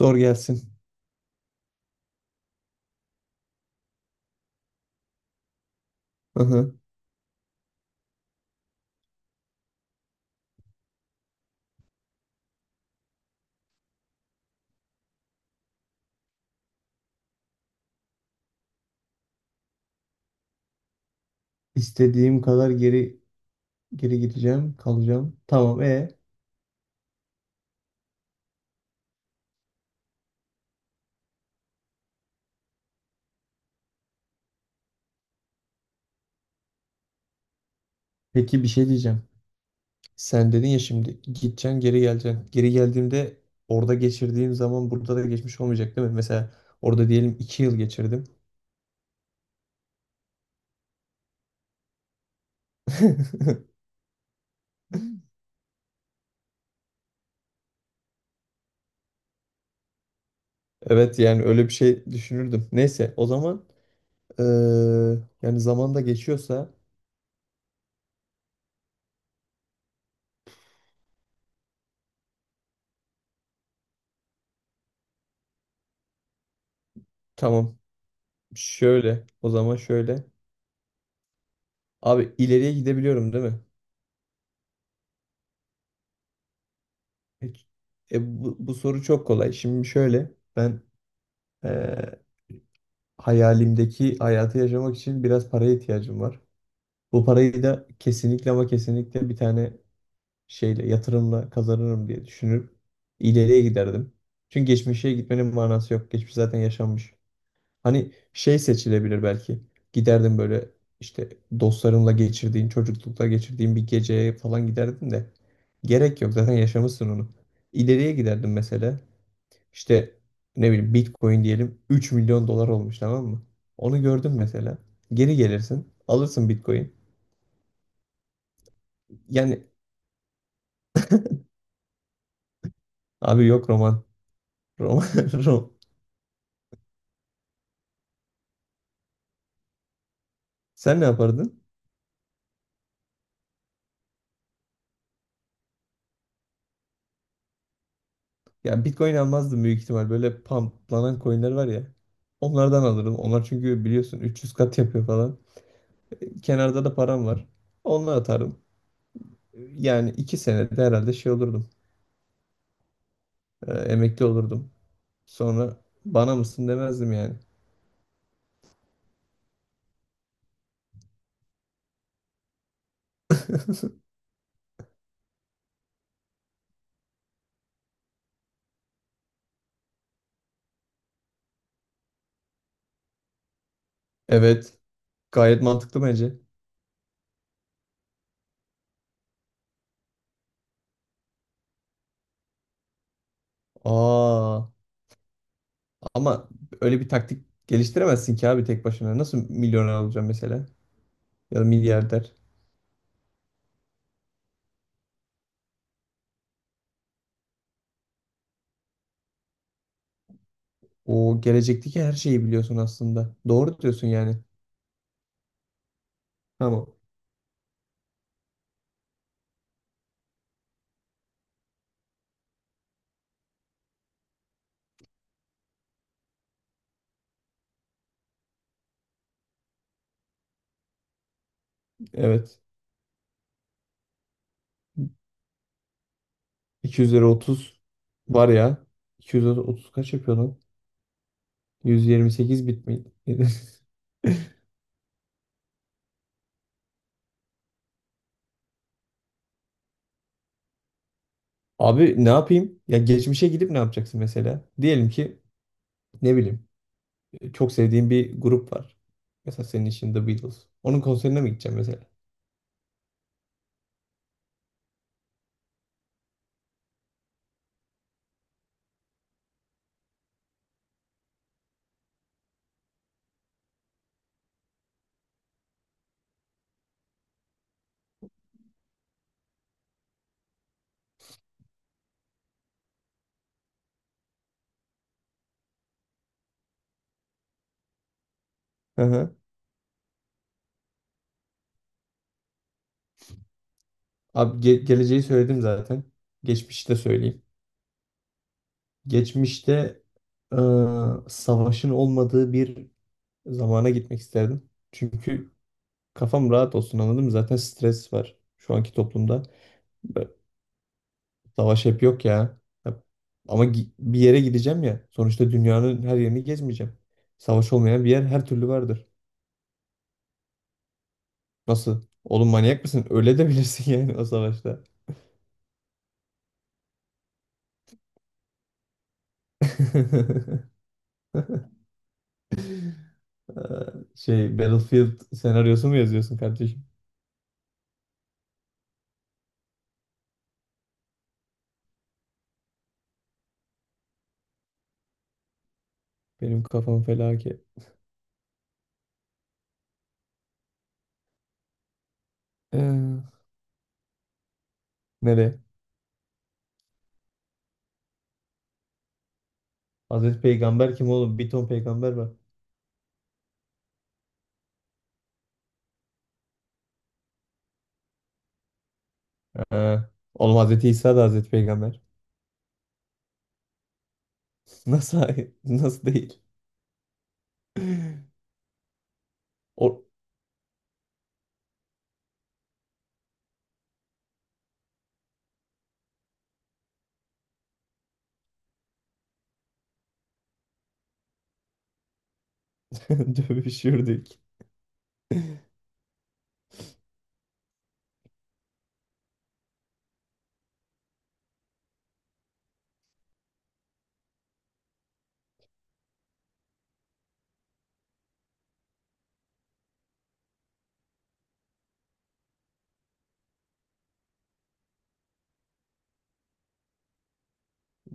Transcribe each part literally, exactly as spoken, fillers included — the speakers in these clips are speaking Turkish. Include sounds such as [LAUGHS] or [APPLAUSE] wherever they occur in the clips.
Doğru gelsin. Aha. İstediğim kadar geri geri gideceğim, kalacağım. Tamam e. Peki bir şey diyeceğim. Sen dedin ya, şimdi gideceksin, geri geleceksin. Geri geldiğimde orada geçirdiğim zaman burada da geçmiş olmayacak değil mi? Mesela orada diyelim iki yıl geçirdim. [LAUGHS] Evet, yani öyle bir şey düşünürdüm. Neyse, o zaman eee, yani zaman da geçiyorsa, tamam, şöyle o zaman şöyle. Abi, ileriye gidebiliyorum değil mi? E, e, bu, bu soru çok kolay. Şimdi şöyle ben. Ee, Hayalimdeki hayatı yaşamak için biraz paraya ihtiyacım var. Bu parayı da kesinlikle, ama kesinlikle bir tane şeyle, yatırımla kazanırım diye düşünüp ileriye giderdim. Çünkü geçmişe gitmenin manası yok. Geçmiş zaten yaşanmış. Hani şey seçilebilir belki. Giderdim böyle, işte, dostlarımla geçirdiğin, çocuklukta geçirdiğin bir geceye falan giderdim de. Gerek yok, zaten yaşamışsın onu. İleriye giderdim mesela. İşte, ne bileyim, Bitcoin diyelim üç milyon dolar olmuş, tamam mı? Onu gördün mesela. Geri gelirsin. Alırsın Bitcoin. Yani abi, yok roman. Roman. [LAUGHS] rom- Sen ne yapardın? Ya, Bitcoin almazdım büyük ihtimal. Böyle pumplanan coinler var ya. Onlardan alırım. Onlar çünkü, biliyorsun, üç yüz kat yapıyor falan. Kenarda da param var. Onunla atarım. Yani iki senede herhalde şey olurdum. Ee, emekli olurdum. Sonra bana mısın demezdim yani. [LAUGHS] Evet. Gayet mantıklı bence. Aa, ama öyle bir taktik geliştiremezsin ki abi, tek başına. Nasıl milyoner olacaksın mesela? Ya da milyarder. O gelecekteki her şeyi biliyorsun aslında. Doğru diyorsun yani. Tamam. Evet. iki yüz lira otuz var ya. iki yüz lira otuz kaç yapıyor lan? yüz yirmi sekiz bit mi? [LAUGHS] Abi, ne yapayım? Ya geçmişe gidip ne yapacaksın mesela? Diyelim ki, ne bileyim, çok sevdiğim bir grup var. Mesela senin için The Beatles. Onun konserine mi gideceğim mesela? [LAUGHS] Abi, ge- geleceği söyledim zaten. Geçmişi de söyleyeyim. Geçmişte, eee, savaşın olmadığı bir zamana gitmek isterdim. Çünkü kafam rahat olsun, anladın mı? Zaten stres var şu anki toplumda. Ve savaş hep yok ya. Hep- Ama gi- bir yere gideceğim ya. Sonuçta dünyanın her yerini gezmeyeceğim. Savaş olmayan bir yer her türlü vardır. Nasıl? Oğlum, manyak mısın? Öyle de bilirsin [LAUGHS] yani, o savaşta. [LAUGHS] Ee, Şey Battlefield senaryosu mu yazıyorsun kardeşim? Benim kafam felaket. Ee, nereye? Hazreti Peygamber kim oğlum? Bir ton peygamber var. Ha. Oğlum, Hazreti İsa da Hazreti Peygamber. [LAUGHS] Nasıl hayır? Nasıl değil? [LAUGHS] O. [LAUGHS] dövüşürdük.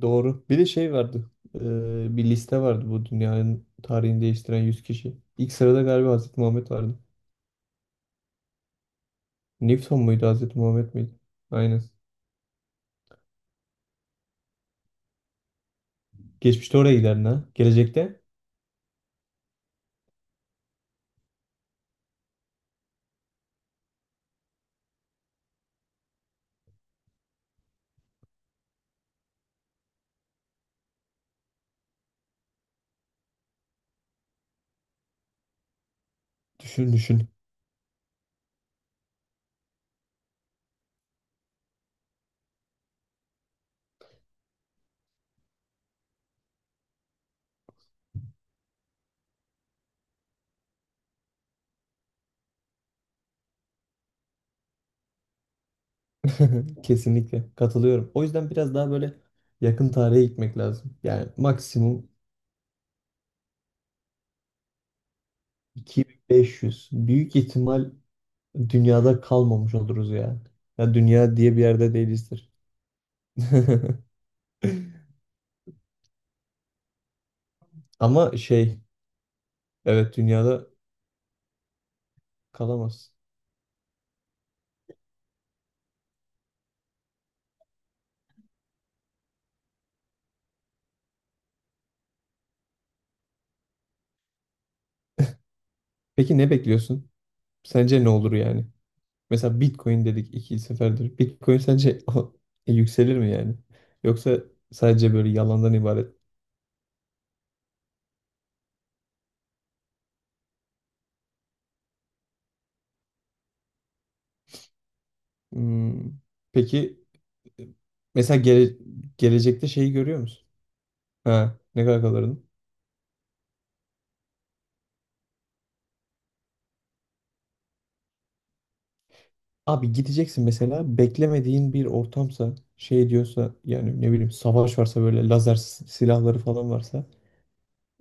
Doğru. Bir de şey vardı. Ee, bir liste vardı, bu dünyanın tarihini değiştiren yüz kişi. İlk sırada galiba Hazreti Muhammed vardı. Newton muydu, Hazreti Muhammed miydi? Aynen. Geçmişte oraya giderdin ha. Gelecekte. Düşün düşün. [LAUGHS] Kesinlikle katılıyorum. O yüzden biraz daha böyle yakın tarihe gitmek lazım. Yani maksimum iki bin beş yüz. Büyük ihtimal dünyada kalmamış oluruz ya. Ya dünya diye bir yerde değilizdir. [LAUGHS] Ama şey. Evet, dünyada kalamaz. Peki ne bekliyorsun? Sence ne olur yani? Mesela Bitcoin dedik iki seferdir. Bitcoin sence [LAUGHS] o- e, yükselir mi yani? Yoksa sadece böyle yalandan ibaret? Hmm, Peki, e, mesela gele- gelecekte şeyi görüyor musun? Ha, ne kadar kalırını? Abi gideceksin mesela, beklemediğin bir ortamsa, şey diyorsa, yani ne bileyim, savaş varsa, böyle lazer s- silahları falan varsa.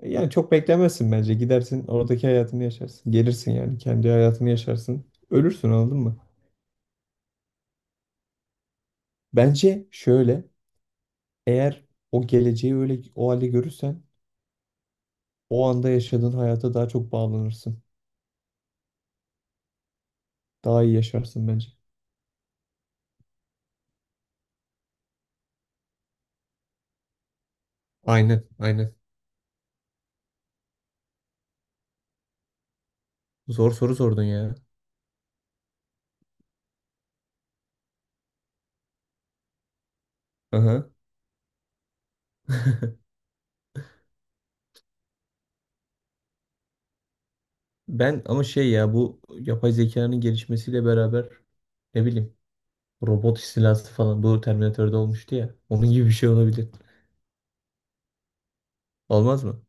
Yani çok beklemezsin bence. Gidersin, oradaki hayatını yaşarsın. Gelirsin, yani kendi hayatını yaşarsın. Ölürsün, anladın mı? Bence şöyle, eğer o geleceği öyle o halde görürsen o anda yaşadığın hayata daha çok bağlanırsın. Daha iyi yaşarsın bence. Aynen, aynen. Zor soru sordun ya. Aha. Ben ama şey ya, bu yapay zekanın gelişmesiyle beraber, ne bileyim, robot istilası falan, bu Terminator'da olmuştu ya. Onun gibi bir şey olabilir. Olmaz mı?